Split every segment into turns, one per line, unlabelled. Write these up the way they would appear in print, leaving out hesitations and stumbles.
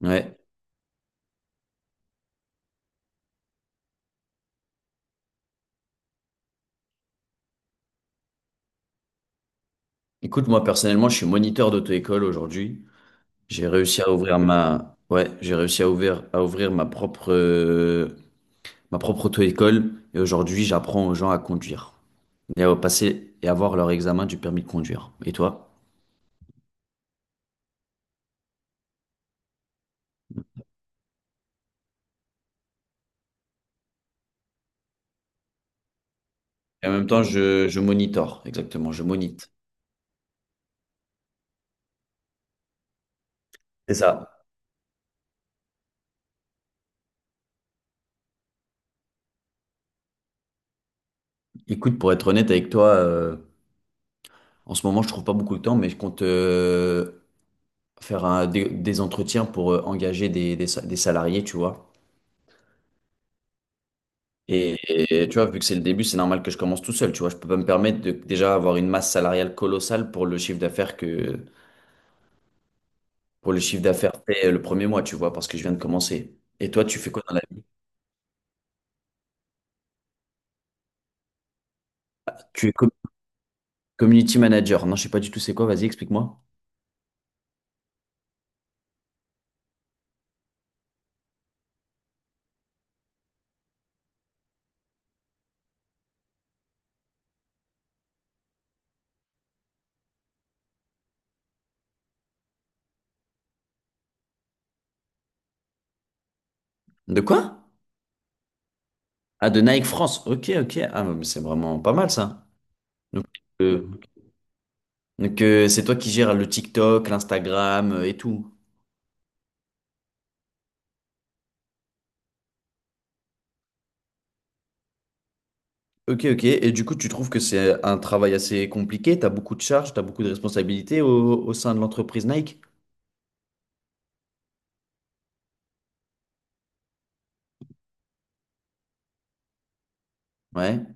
Ouais. Écoute, moi personnellement, je suis moniteur d'auto-école aujourd'hui. J'ai réussi à ouvrir ouais, j'ai réussi à ouvrir ma propre auto-école. Et aujourd'hui, j'apprends aux gens à conduire et à passer et avoir leur examen du permis de conduire. Et toi? Et en même temps, je monitore, exactement, je monite. C'est ça. Écoute, pour être honnête avec toi, en ce moment, je trouve pas beaucoup de temps, mais je compte faire des entretiens pour engager des salariés, tu vois. Et, et tu vois, vu que c'est le début, c'est normal que je commence tout seul. Tu vois, je peux pas me permettre de déjà avoir une masse salariale colossale pour le chiffre d'affaires fait le premier mois, tu vois, parce que je viens de commencer. Et toi, tu fais quoi dans la vie? Tu es community manager. Non, je sais pas du tout c'est quoi. Vas-y, explique-moi. De quoi? Ah, de Nike France. Ok, ok. Ah, mais c'est vraiment pas mal ça. Donc, euh, donc, c'est toi qui gères le TikTok, l'Instagram et tout. Ok, ok. Et du coup, tu trouves que c'est un travail assez compliqué? Tu as beaucoup de charges, tu as beaucoup de responsabilités au sein de l'entreprise Nike? Ouais,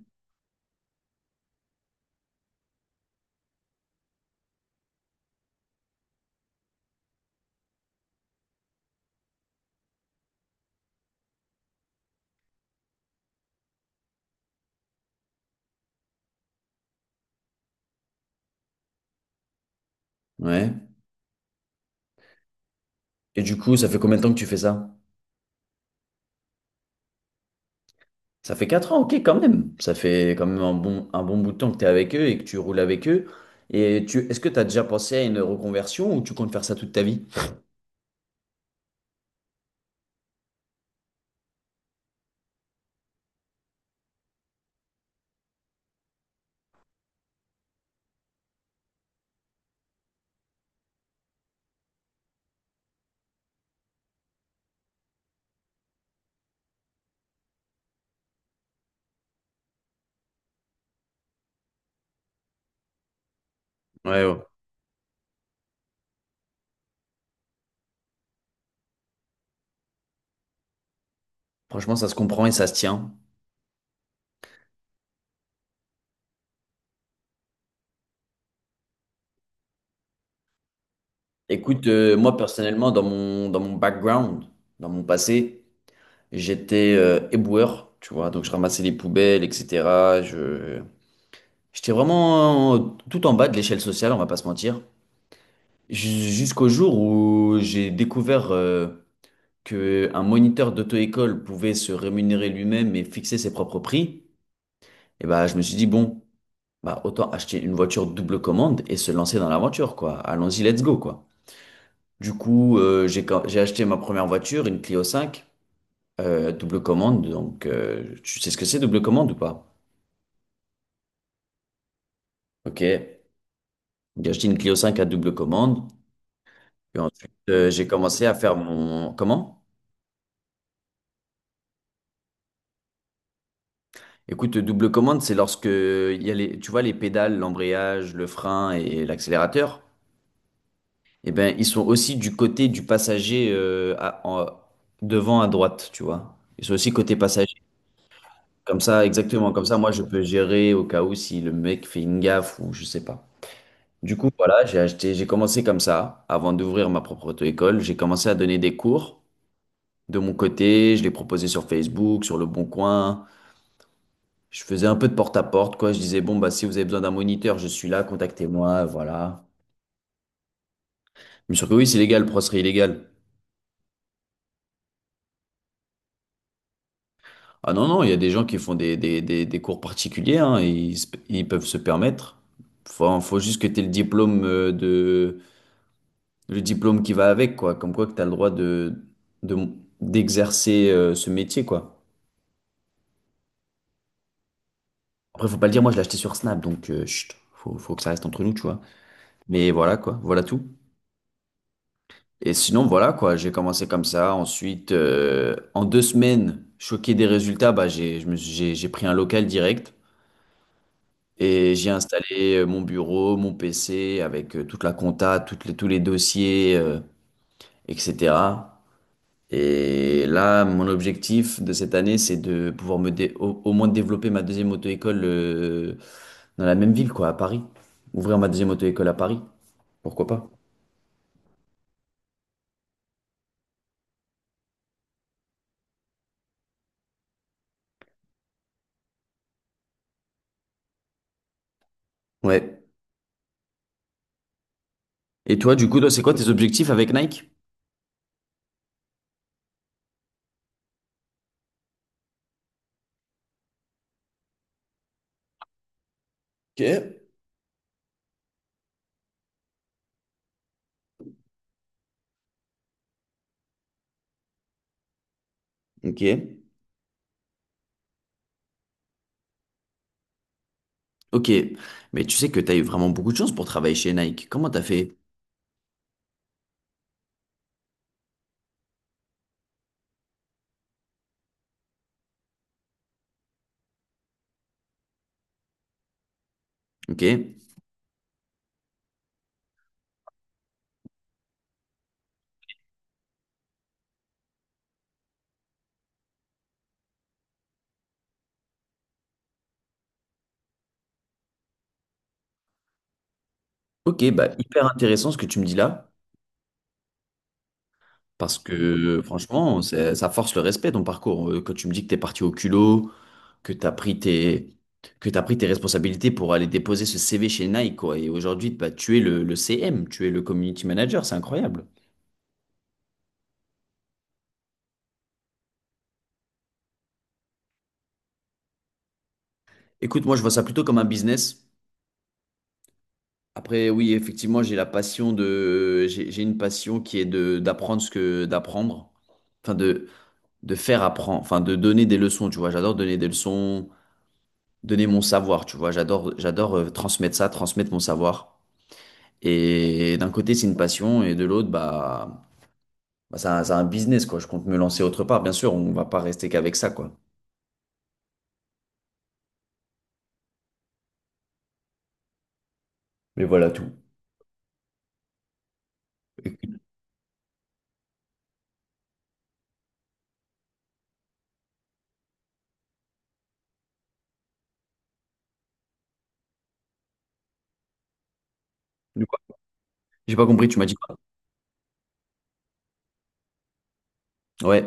ouais. Et du coup, ça fait combien de temps que tu fais ça? Ça fait 4 ans, ok, quand même. Ça fait quand même un bon bout de temps que tu es avec eux et que tu roules avec eux. Est-ce que tu as déjà pensé à une reconversion ou tu comptes faire ça toute ta vie? Ouais, ouais. Franchement, ça se comprend et ça se tient. Écoute, moi personnellement, dans mon background, dans mon passé, j'étais éboueur, tu vois, donc je ramassais les poubelles, etc. J'étais vraiment tout en bas de l'échelle sociale, on va pas se mentir. Jusqu'au jour où j'ai découvert que un moniteur d'auto-école pouvait se rémunérer lui-même et fixer ses propres prix. Et bah, je me suis dit, bon, bah, autant acheter une voiture double commande et se lancer dans l'aventure, quoi. Allons-y, let's go, quoi. Du coup, j'ai acheté ma première voiture, une Clio 5, double commande. Donc, tu sais ce que c'est, double commande ou pas? Ok. J'ai acheté une Clio 5 à double commande. Et ensuite, j'ai commencé Comment? Écoute, double commande, c'est lorsque il y a les, tu vois, les pédales, l'embrayage, le frein et l'accélérateur. Eh ben, ils sont aussi du côté du passager devant à droite, tu vois. Ils sont aussi côté passager. Comme ça, exactement. Comme ça, moi, je peux gérer au cas où si le mec fait une gaffe ou je sais pas. Du coup, voilà, j'ai commencé comme ça. Avant d'ouvrir ma propre auto-école, j'ai commencé à donner des cours de mon côté, je les proposais sur Facebook, sur Le Bon Coin. Je faisais un peu de porte-à-porte, quoi. Je disais, bon, bah, si vous avez besoin d'un moniteur, je suis là, contactez-moi, voilà. Mais sûr que oui, c'est légal, Pro serait illégal. Ah non, non, il y a des gens qui font des cours particuliers, hein, et ils peuvent se permettre. Faut juste que tu aies le diplôme le diplôme qui va avec, quoi. Comme quoi que tu as le droit de, d'exercer ce métier, quoi. Après, faut pas le dire, moi, je l'ai acheté sur Snap, donc, chut, faut que ça reste entre nous, tu vois. Mais voilà, quoi, voilà tout. Et sinon, voilà quoi, j'ai commencé comme ça. Ensuite, en deux semaines, choqué des résultats, bah, j'ai, je me suis- j'ai pris un local direct et j'ai installé mon bureau, mon PC avec toute la compta, tous les dossiers, etc. Et là, mon objectif de cette année, c'est de pouvoir au moins développer ma deuxième auto-école dans la même ville, quoi, à Paris. Ouvrir ma deuxième auto-école à Paris. Pourquoi pas? Ouais. Et toi, du coup, toi, c'est quoi tes objectifs avec Nike? Ok. Ok, ok. Mais tu sais que tu as eu vraiment beaucoup de chance pour travailler chez Nike. Comment t'as fait? Ok, ok, bah hyper intéressant ce que tu me dis là, parce que franchement, ça force le respect ton parcours. Quand tu me dis que t'es parti au culot, que t'as pris tes, que t'as pris tes responsabilités pour aller déposer ce CV chez Nike, quoi. Et aujourd'hui, bah, tu es le CM, tu es le community manager, c'est incroyable. Écoute, moi je vois ça plutôt comme un business. Après, oui, effectivement, j'ai une passion qui est de d'apprendre ce que d'apprendre, enfin de faire apprendre, enfin de donner des leçons, tu vois. J'adore donner des leçons, donner mon savoir, tu vois. J'adore transmettre ça, transmettre mon savoir. Et d'un côté, c'est une passion, et de l'autre, bah c'est un business, quoi. Je compte me lancer autre part, bien sûr. On va pas rester qu'avec ça, quoi. Mais voilà tout. Du coup, j'ai pas compris. Tu m'as dit quoi? Ouais.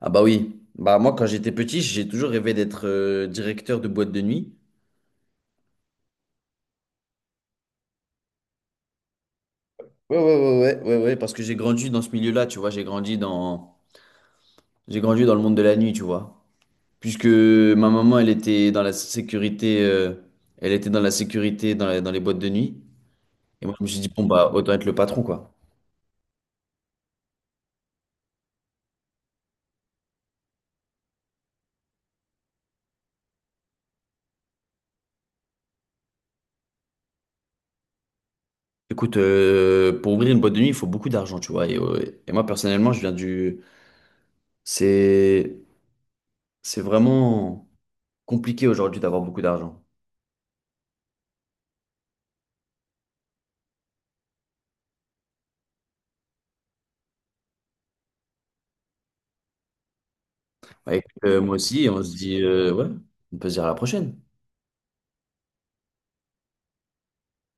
Ah bah oui. Bah moi, quand j'étais petit, j'ai toujours rêvé d'être directeur de boîte de nuit. Ouais, ouais, ouais, ouais, ouais, ouais, parce que j'ai grandi dans ce milieu-là, tu vois, j'ai grandi dans le monde de la nuit, tu vois. Puisque ma maman, elle était dans la sécurité, elle était dans la sécurité dans les boîtes de nuit. Et moi, je me suis dit, bon, bah, autant être le patron, quoi. Écoute, pour ouvrir une boîte de nuit, il faut beaucoup d'argent, tu vois. Et moi, personnellement, c'est, c'est vraiment compliqué aujourd'hui d'avoir beaucoup d'argent. Bah, écoute, moi aussi, on se dit, ouais, on peut se dire à la prochaine.